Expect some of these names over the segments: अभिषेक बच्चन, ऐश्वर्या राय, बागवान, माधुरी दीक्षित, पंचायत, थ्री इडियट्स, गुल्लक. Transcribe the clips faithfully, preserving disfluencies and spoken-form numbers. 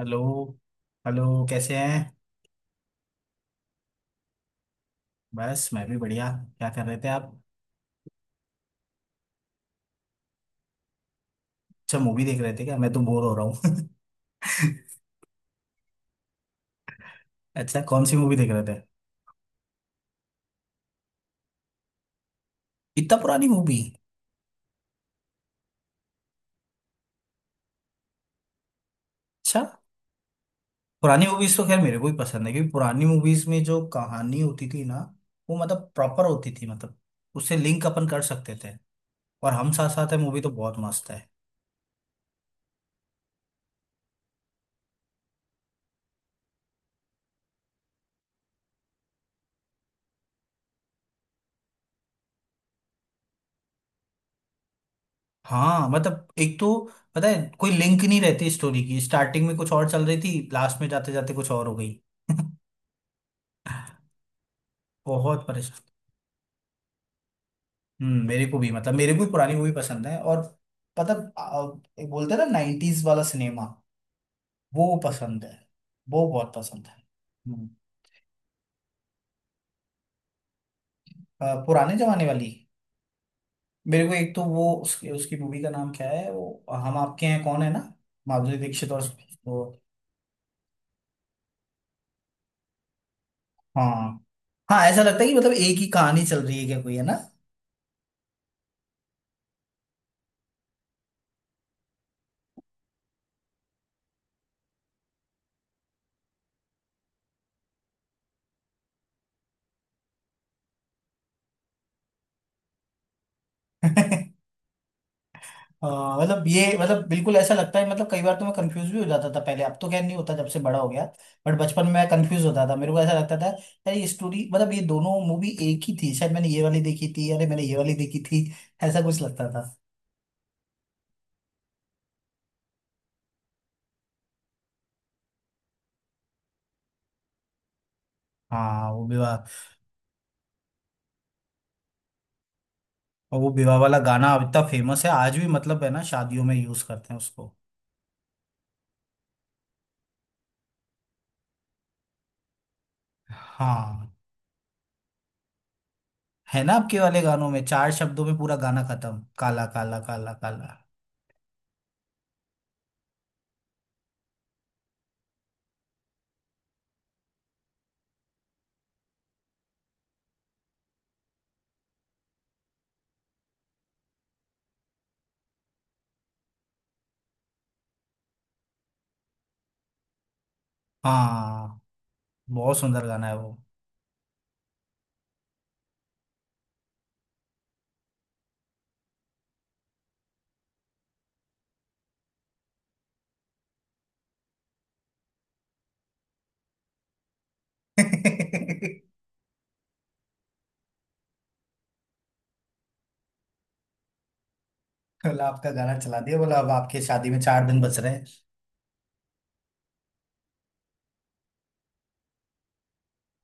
Hello. Hello कैसे हैं? बस मैं भी बढ़िया। क्या कर रहे थे आप? अच्छा, मूवी देख रहे थे क्या? मैं तो बोर हो रहा हूँ। अच्छा, कौन सी मूवी देख रहे थे? इतना पुरानी मूवी? अच्छा। पुरानी मूवीज तो खैर मेरे को भी पसंद है, क्योंकि पुरानी मूवीज में जो कहानी होती थी ना, वो मतलब प्रॉपर होती थी, मतलब उससे लिंक अपन कर सकते थे। और हम साथ साथ है मूवी तो बहुत मस्त है। हाँ, मतलब एक तो पता है, कोई लिंक नहीं रहती स्टोरी की। स्टार्टिंग में कुछ और चल रही थी, लास्ट में जाते जाते कुछ और हो गई। बहुत परेशान। हम्म मेरे को भी, मतलब मेरे को भी पुरानी मूवी पसंद है, और पता आ, एक बोलते हैं ना, नाइन्टीज वाला सिनेमा। वो पसंद है। वो बहुत पसंद है। हम्म, अ, पुराने जमाने वाली। मेरे को एक तो वो उसकी उसकी मूवी का नाम क्या है, वो हम आपके हैं कौन है ना। माधुरी दीक्षित और तो। हाँ, हाँ, ऐसा लगता है कि मतलब एक ही कहानी चल रही है क्या, कोई है ना। हाँ, मतलब ये मतलब बिल्कुल ऐसा लगता है, मतलब कई बार तो मैं कंफ्यूज भी हो जाता था पहले। अब तो खैर नहीं होता, जब से बड़ा हो गया। बट बचपन में मैं कंफ्यूज होता था, मेरे को ऐसा लगता था। यार ये स्टोरी, मतलब ये दोनों मूवी एक ही थी शायद। मैंने ये वाली देखी थी, अरे मैंने ये वाली देखी थी। ऐसा कुछ लगता था। हाँ, वो विवाह। और वो विवाह वाला गाना अब इतना फेमस है आज भी, मतलब है ना, शादियों में यूज करते हैं उसको। हाँ, है ना, आपके वाले गानों में चार शब्दों में पूरा गाना खत्म, काला काला काला काला। हाँ, बहुत सुंदर गाना है वो। कल आपका गाना चला दिया, बोला अब आपके शादी में चार दिन बच रहे हैं।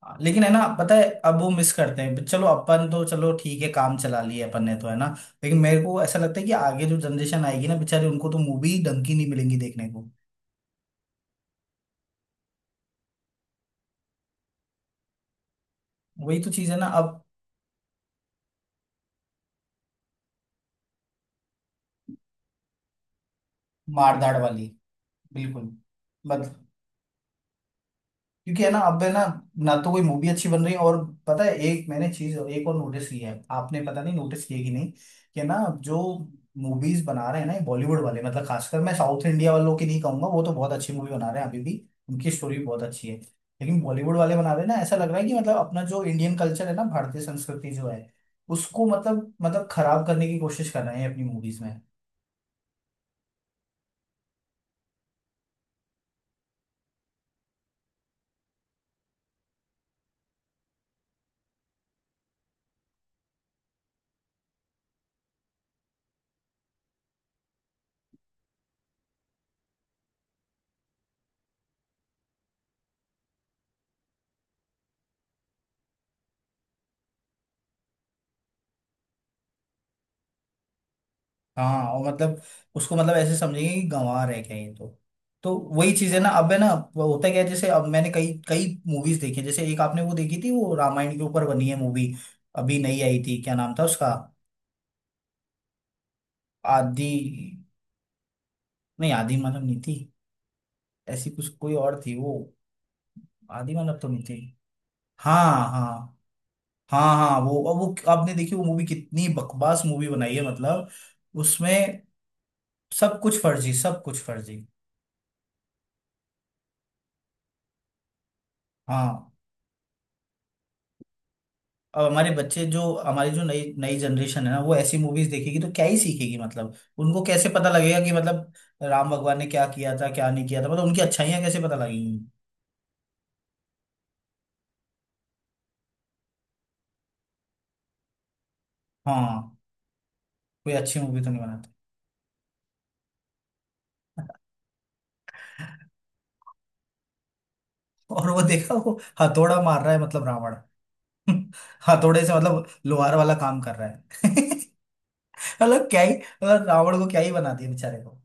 हाँ, लेकिन है ना, पता है अब वो मिस करते हैं। चलो, अपन तो चलो ठीक है, काम चला लिए अपन ने, तो है ना। लेकिन मेरे को ऐसा लगता है कि आगे जो जनरेशन आएगी ना, बेचारे उनको तो मूवी ढंग की नहीं मिलेंगी देखने को। वही तो चीज है ना अब। मारधाड़ वाली। बिल्कुल। क्योंकि है ना, अब है ना, ना तो कोई मूवी अच्छी बन रही है, और पता है, एक मैंने चीज एक और नोटिस की है, आपने पता नहीं नोटिस की है कि नहीं कि ना, जो मूवीज बना रहे हैं ना बॉलीवुड वाले, मतलब खासकर, मैं साउथ इंडिया वालों की नहीं कहूंगा, वो तो बहुत अच्छी मूवी बना रहे हैं अभी भी। उनकी स्टोरी भी बहुत अच्छी है। लेकिन बॉलीवुड वाले बना रहे हैं ना, ऐसा लग रहा है कि मतलब अपना जो इंडियन कल्चर है ना, भारतीय संस्कृति जो है, उसको मतलब मतलब खराब करने की कोशिश कर रहे हैं अपनी मूवीज में। हाँ, और मतलब उसको मतलब ऐसे समझेंगे कि गंवा रहे कहीं तो। तो वही चीज है ना, अब है ना, वो होता क्या है, जैसे अब मैंने कई कई मूवीज देखी हैं। जैसे एक आपने वो देखी थी, वो रामायण के ऊपर बनी है मूवी। अभी नई आई थी, क्या नाम था उसका? आदि। नहीं, आदि मानव नहीं थी। ऐसी कुछ कोई और थी वो। आदि मानव तो नहीं थी। हाँ हाँ हाँ हाँ, वो अब वो आपने देखी वो मूवी, कितनी बकवास मूवी बनाई है मतलब। उसमें सब कुछ फर्जी, सब कुछ फर्जी। हाँ, अब हमारे बच्चे जो हमारी जो नई नई जनरेशन है ना, वो ऐसी मूवीज देखेगी तो क्या ही सीखेगी, मतलब उनको कैसे पता लगेगा कि मतलब राम भगवान ने क्या किया था, क्या नहीं किया था, मतलब उनकी अच्छाइयाँ कैसे पता लगेंगी। हाँ, कोई अच्छी मूवी तो नहीं बनाते। और वो देखा वो हथौड़ा मार रहा है, मतलब रावण। हथौड़े से मतलब लोहार वाला काम कर रहा है। मतलब क्या ही, मतलब रावण को क्या ही बना दिया बेचारे को।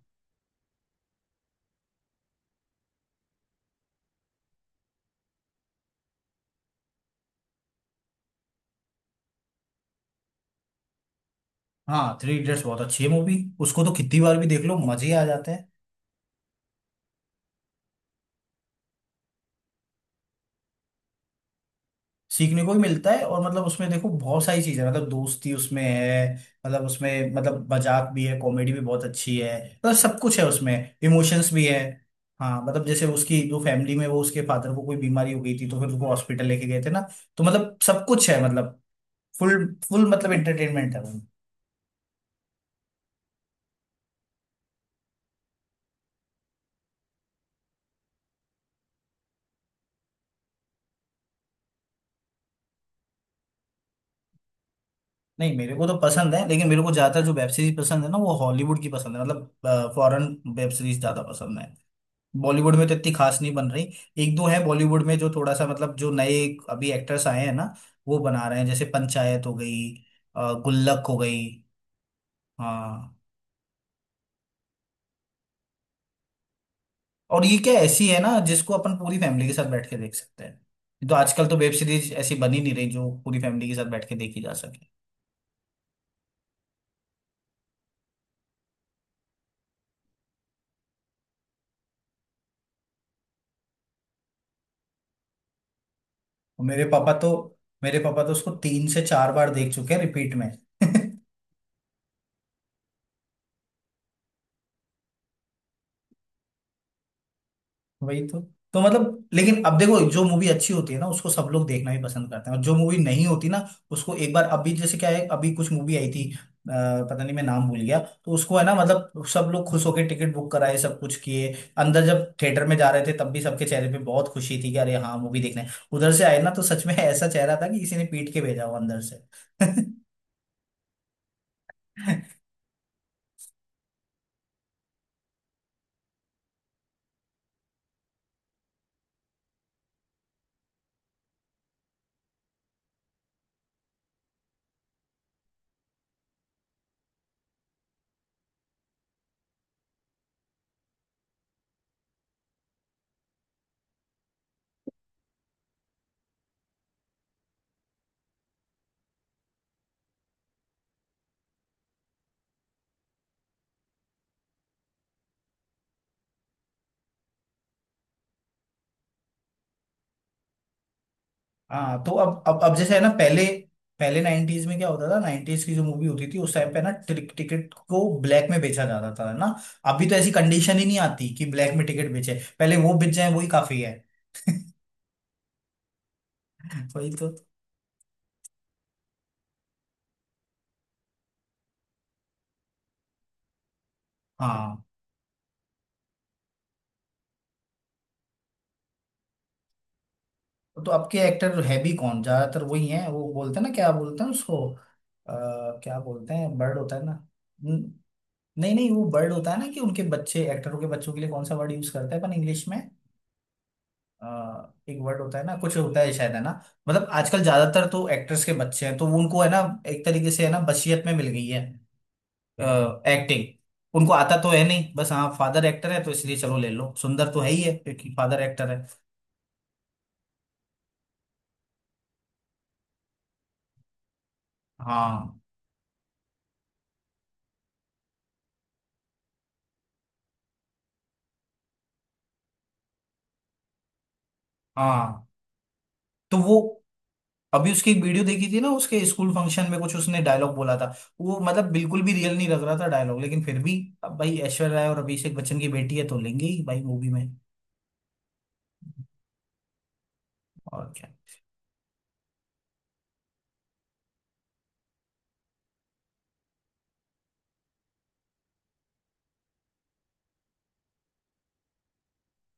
हाँ, थ्री इडियट्स बहुत अच्छी है मूवी। उसको तो कितनी बार भी देख लो, मजे ही आ जाते हैं। सीखने को ही मिलता है, और मतलब उसमें देखो बहुत सारी चीजें हैं। मतलब दोस्ती उसमें है, मतलब उसमें मतलब मजाक भी है, कॉमेडी भी बहुत अच्छी है, मतलब सब कुछ है उसमें। इमोशंस भी है। हाँ, मतलब जैसे उसकी जो फैमिली में, वो उसके फादर को कोई बीमारी हो गई थी तो फिर उसको हॉस्पिटल लेके गए थे ना। तो मतलब सब कुछ है, मतलब फुल फुल मतलब एंटरटेनमेंट है वो। नहीं, मेरे को तो पसंद है, लेकिन मेरे को ज्यादातर जो वेब सीरीज पसंद है ना, वो हॉलीवुड की पसंद है, मतलब फॉरेन वेब सीरीज ज्यादा पसंद है। बॉलीवुड में तो इतनी खास नहीं बन रही। एक दो हैं बॉलीवुड में जो थोड़ा सा, मतलब जो नए अभी एक्टर्स आए हैं ना, वो बना रहे हैं, जैसे पंचायत हो गई, अ, गुल्लक हो गई। हाँ, और ये क्या ऐसी है ना जिसको अपन पूरी फैमिली के साथ बैठ के देख सकते हैं, तो आजकल तो वेब सीरीज ऐसी बनी नहीं रही जो पूरी फैमिली के साथ बैठ के देखी जा सके। मेरे पापा तो मेरे पापा तो उसको तीन से चार बार देख चुके हैं, रिपीट में। वही तो। तो मतलब लेकिन अब देखो, जो मूवी अच्छी होती है ना उसको सब लोग देखना भी पसंद करते हैं, और जो मूवी नहीं होती ना उसको एक बार, अभी जैसे क्या है, अभी कुछ मूवी आई थी, अ, पता नहीं, मैं नाम भूल गया। तो उसको है ना, मतलब सब लोग खुश होकर टिकट बुक कराए, सब कुछ किए। अंदर जब थिएटर में जा रहे थे, तब भी सबके चेहरे पे बहुत खुशी थी कि अरे हाँ मूवी देखने उधर से आए ना, तो सच में ऐसा चेहरा था कि किसी ने पीट के भेजा हो अंदर से। हाँ, तो अब अब अब जैसे है ना, पहले पहले नाइनटीज में क्या होता था, नाइनटीज की जो मूवी होती थी उस टाइम पे ना, टिक, टिकट को ब्लैक में बेचा जाता था ना। अभी तो ऐसी कंडीशन ही नहीं आती कि ब्लैक में टिकट बेचे, पहले वो बेच जाए वही काफी है। वही तो। हाँ, तो अब के एक्टर है भी कौन? ज्यादातर वही हैं, वो बोलते हैं ना, क्या बोलते हैं उसको? आ, क्या बोलते हैं, बर्ड होता है ना, न- नहीं, नहीं, वो बर्ड होता है ना कि उनके बच्चे, एक्टरों के बच्चों के लिए कौन सा वर्ड यूज करते हैं अपन इंग्लिश में? अ, एक वर्ड होता है ना, कुछ होता है शायद, है ना। मतलब आजकल ज्यादातर तो एक्टर्स के बच्चे हैं, तो उनको है ना, एक तरीके से है ना, बशियत में मिल गई है एक्टिंग। उनको आता तो है नहीं, बस हाँ फादर एक्टर है तो इसलिए चलो ले लो, सुंदर तो है ही है क्योंकि फादर एक्टर है। हाँ, हाँ तो वो अभी उसकी एक वीडियो देखी थी ना, उसके स्कूल फंक्शन में कुछ उसने डायलॉग बोला था। वो मतलब बिल्कुल भी रियल नहीं लग रहा था डायलॉग, लेकिन फिर भी अब भाई ऐश्वर्या राय और अभिषेक बच्चन की बेटी है तो लेंगे ही भाई मूवी में। और क्या।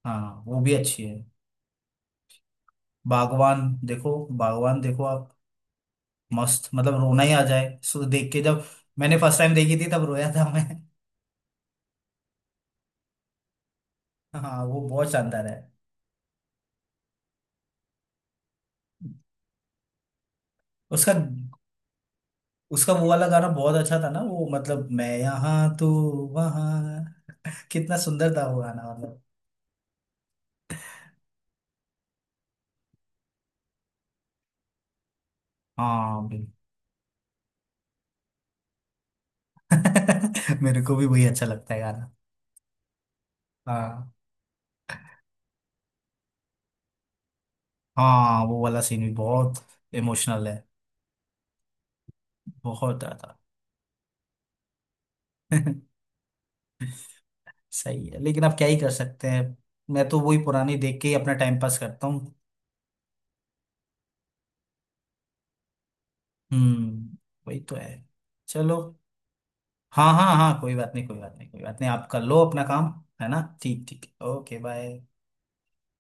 हाँ, वो भी अच्छी है। बागवान देखो। बागवान देखो आप। मस्त, मतलब रोना ही आ जाए, सो देख के जब मैंने फर्स्ट टाइम देखी थी तब रोया था मैं। हाँ, वो बहुत शानदार है। उसका उसका वो वाला गाना बहुत अच्छा था ना, वो मतलब मैं यहाँ, तू वहाँ। कितना सुंदर था वो गाना, मतलब। हाँ, बिल- मेरे को भी वही अच्छा लगता है गाना। हाँ, हाँ, वो वाला सीन भी बहुत इमोशनल है, बहुत ज्यादा। सही है, लेकिन आप क्या ही कर सकते हैं। मैं तो वही पुरानी देख के ही अपना टाइम पास करता हूँ। हम्म, वही तो है। चलो, हाँ हाँ हाँ, कोई बात नहीं, कोई बात नहीं, कोई बात नहीं, आप कर लो अपना काम। है ना, ठीक ठीक, ओके बाय।